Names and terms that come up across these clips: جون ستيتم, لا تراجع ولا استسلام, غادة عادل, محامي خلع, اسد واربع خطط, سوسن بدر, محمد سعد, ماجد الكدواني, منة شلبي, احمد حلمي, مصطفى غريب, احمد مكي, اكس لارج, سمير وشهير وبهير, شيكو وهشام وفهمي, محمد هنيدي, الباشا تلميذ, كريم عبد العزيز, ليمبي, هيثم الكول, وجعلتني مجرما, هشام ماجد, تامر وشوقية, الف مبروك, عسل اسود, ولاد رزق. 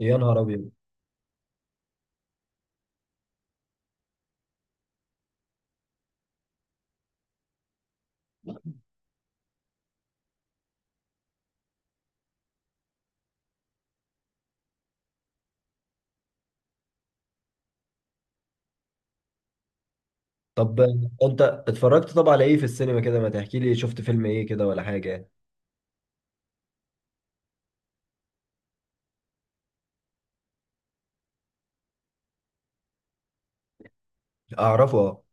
يا نهار ابيض! طب انت اتفرجت على ايه في السينما كده، ما تحكي لي شفت فيلم ايه كده ولا حاجه يعني؟ اعرفه اه.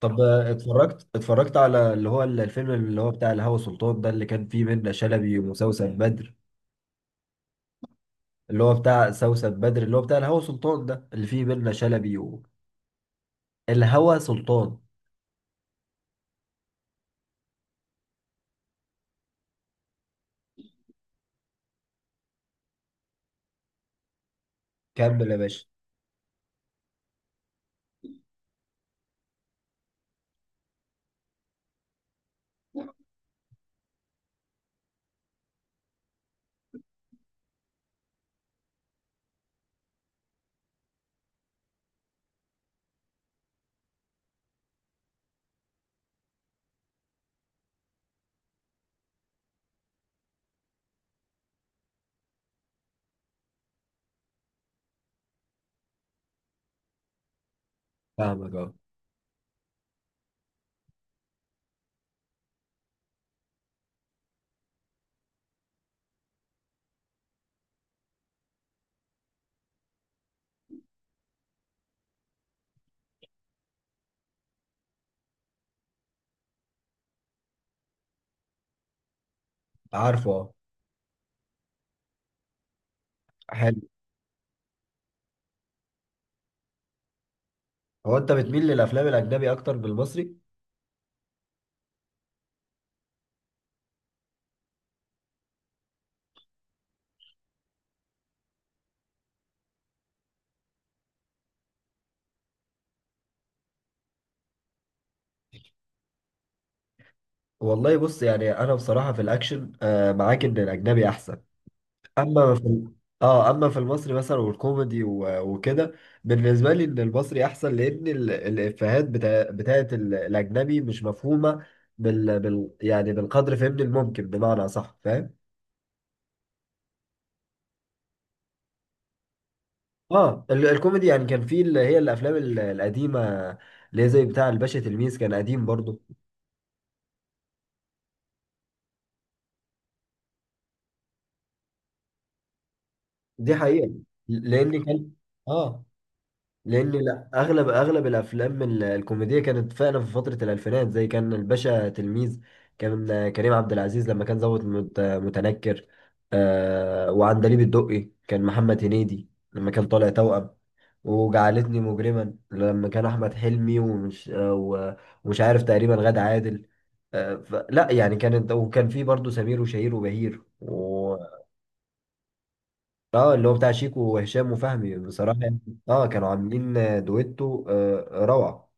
طب اتفرجت على اللي هو الفيلم اللي هو بتاع الهوى سلطان ده اللي كان فيه منة شلبي وسوسن بدر، اللي هو بتاع سوسن بدر اللي هو بتاع الهوى سلطان ده اللي فيه منة شلبي الهوى سلطان. كمل يا باشا. فاهمك اه. عارفه اه. حلو. هو انت بتميل للافلام الاجنبي اكتر من المصري؟ والله بص، يعني انا بصراحه في الاكشن معاك ان الاجنبي احسن. اما في ال-، اه اما في المصري مثلا والكوميدي و- وكده، بالنسبه لي ان المصري احسن لان الافيهات بتاعت الاجنبي مش مفهومه. يعني بالقدر فهمني الممكن بمعنى صح فاهم. اه، الكوميدي يعني كان في اللي هي الافلام القديمه، اللي هي زي بتاع الباشا تلميذ كان قديم برضو. دي حقيقه. لان كان، اه، لان لا اغلب الافلام الكوميديه كانت فعلا في فتره الالفينات، زي كان الباشا تلميذ، كان كريم عبد العزيز لما كان ضابط متنكر. وعندليب الدقي كان محمد هنيدي لما كان طالع توأم، وجعلتني مجرما لما كان احمد حلمي ومش عارف تقريبا غادة عادل. لا يعني كانت، وكان في برضه سمير وشهير وبهير، اه اللي هو بتاع شيكو وهشام وفهمي بصراحة يعني. اه كانوا عاملين دويتو روعة.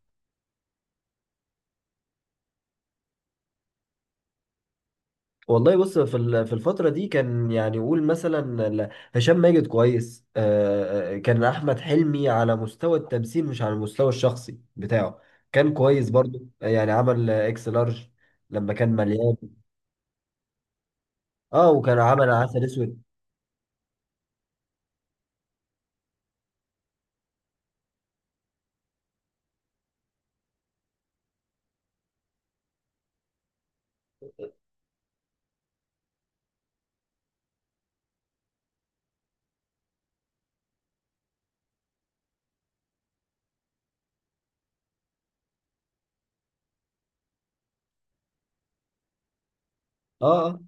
والله بص، في في الفترة دي كان، يعني قول مثلا ال-، هشام ماجد كويس. كان أحمد حلمي على مستوى التمثيل، مش على المستوى الشخصي بتاعه، كان كويس برضو، يعني عمل اكس لارج لما كان مليان. اه وكان عمل عسل اسود. اه آه.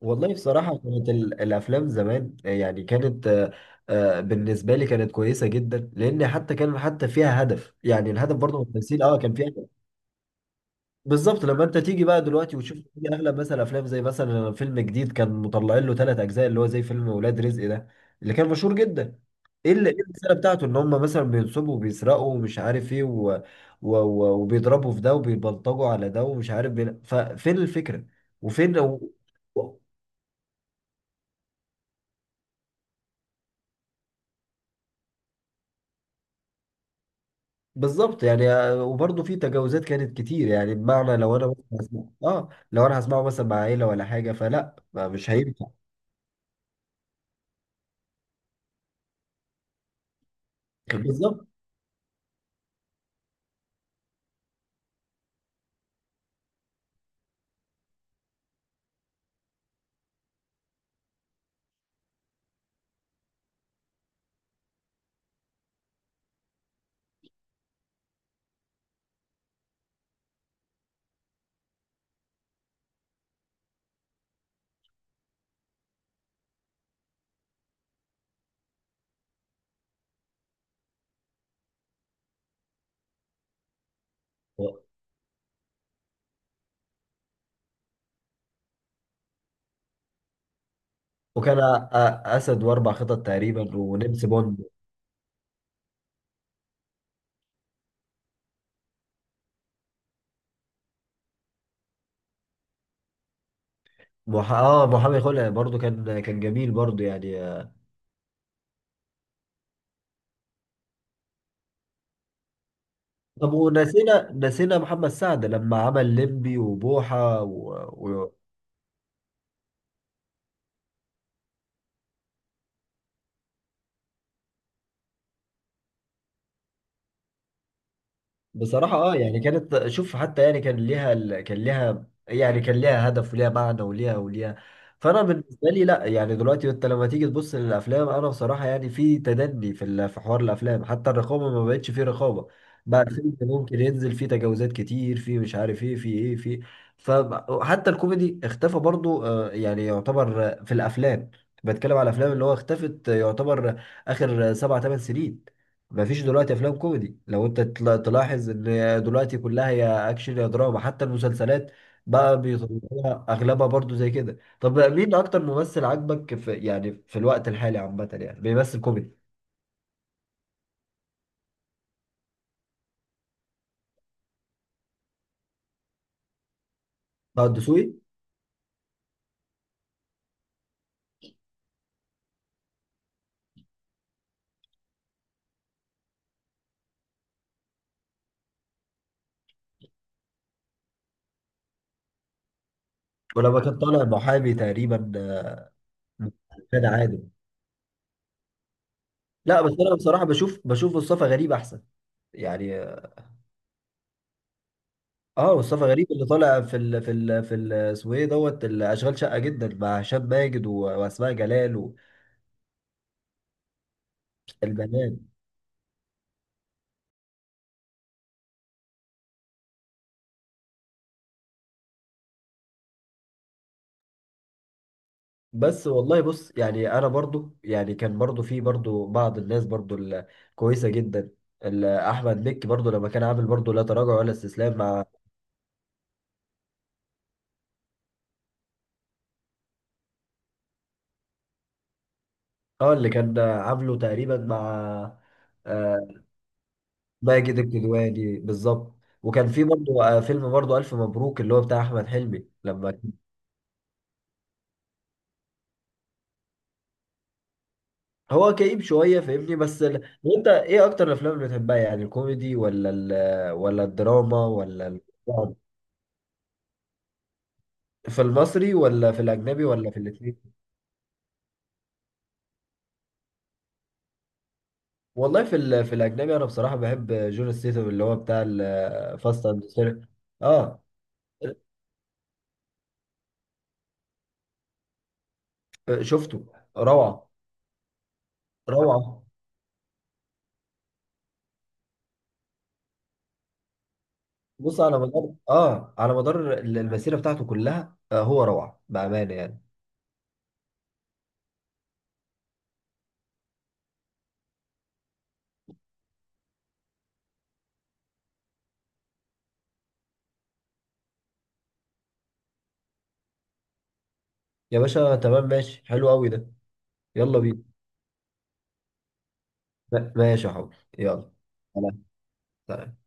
والله بصراحة كانت الأفلام زمان يعني كانت، بالنسبة لي كانت كويسة جدا، لأن حتى كان حتى فيها هدف، يعني الهدف برضه من التمثيل كان فيها هدف. بالظبط لما أنت تيجي بقى دلوقتي وتشوف، تيجي أغلب مثلا أفلام زي مثلا فيلم جديد كان مطلعين له ثلاث أجزاء، اللي هو زي فيلم ولاد رزق ده اللي كان مشهور جدا. إيه اللي، إيه الرسالة بتاعته؟ إن هم مثلا بينصبوا وبيسرقوا ومش عارف إيه وبيضربوا في ده وبيبلطجوا على ده ومش عارف، ففين الفكرة وفين و... بالظبط يعني، وبرضه في تجاوزات كانت كتير، يعني بمعنى لو انا هسمعه مثلا مع عيله ولا حاجه، فلا مش هينفع. بالظبط. وكان أ- اسد واربع خطط تقريبا ونمس بوند. مح... اه محامي خلع برضه كان جميل برضه يعني. طب ونسينا محمد سعد لما عمل ليمبي وبوحه بصراحة اه يعني كانت، شوف، حتى يعني كان ليها يعني كان ليها هدف وليها معنى وليها. فانا بالنسبة لي لا، يعني دلوقتي انت لما تيجي تبص للافلام، انا بصراحة يعني في تدني في في حوار الافلام، حتى الرقابة ما بقتش فيه رقابة. بقى الفيلم ممكن ينزل فيه تجاوزات كتير، فيه مش عارف ايه فيه ايه فيه. فحتى الكوميدي اختفى برضو، يعني يعتبر، في الافلام، بتكلم على الافلام اللي هو اختفت يعتبر آخر 7-8 سنين. ما فيش دلوقتي افلام كوميدي لو انت تلاحظ ان دلوقتي كلها يا اكشن يا دراما. حتى المسلسلات بقى بيطلعوها اغلبها برضو زي كده. طب مين اكتر ممثل عجبك في، يعني في الوقت الحالي عامه، يعني بيمثل كوميدي؟ طه الدسوقي. ولما كان طالع محامي تقريبا، كان عادل. لا بس انا بصراحه بشوف مصطفى غريب احسن يعني. اه، مصطفى غريب اللي طالع في اسمه ايه دوت الاشغال شقه جدا مع هشام ماجد و- واسماء جلال والبنات. بس والله بص يعني انا برضو، يعني كان برضو في برضو بعض الناس برضو الكويسه جدا، احمد مكي برضو لما كان عامل برضو لا تراجع ولا استسلام مع، اه، اللي كان عامله تقريبا مع، آه، ماجد الكدواني. بالظبط. وكان في برضو فيلم برضو الف مبروك اللي هو بتاع احمد حلمي هو كئيب شويه فاهمني، بس وانت ايه اكتر الافلام اللي بتحبها؟ يعني الكوميدي ولا الدراما في المصري ولا في الاجنبي ولا في الاثنين؟ والله في في الاجنبي انا بصراحه بحب جون ستيتم اللي هو بتاع الفاست اند فير. اه شفته، روعه، روعه. بص على مدار اه على مدار المسيره بتاعته كلها، هو روعه بامانه يعني. يا باشا تمام ماشي حلو قوي ده. يلا بينا. ماشي يا حبيبي يلا. سلام. سلام.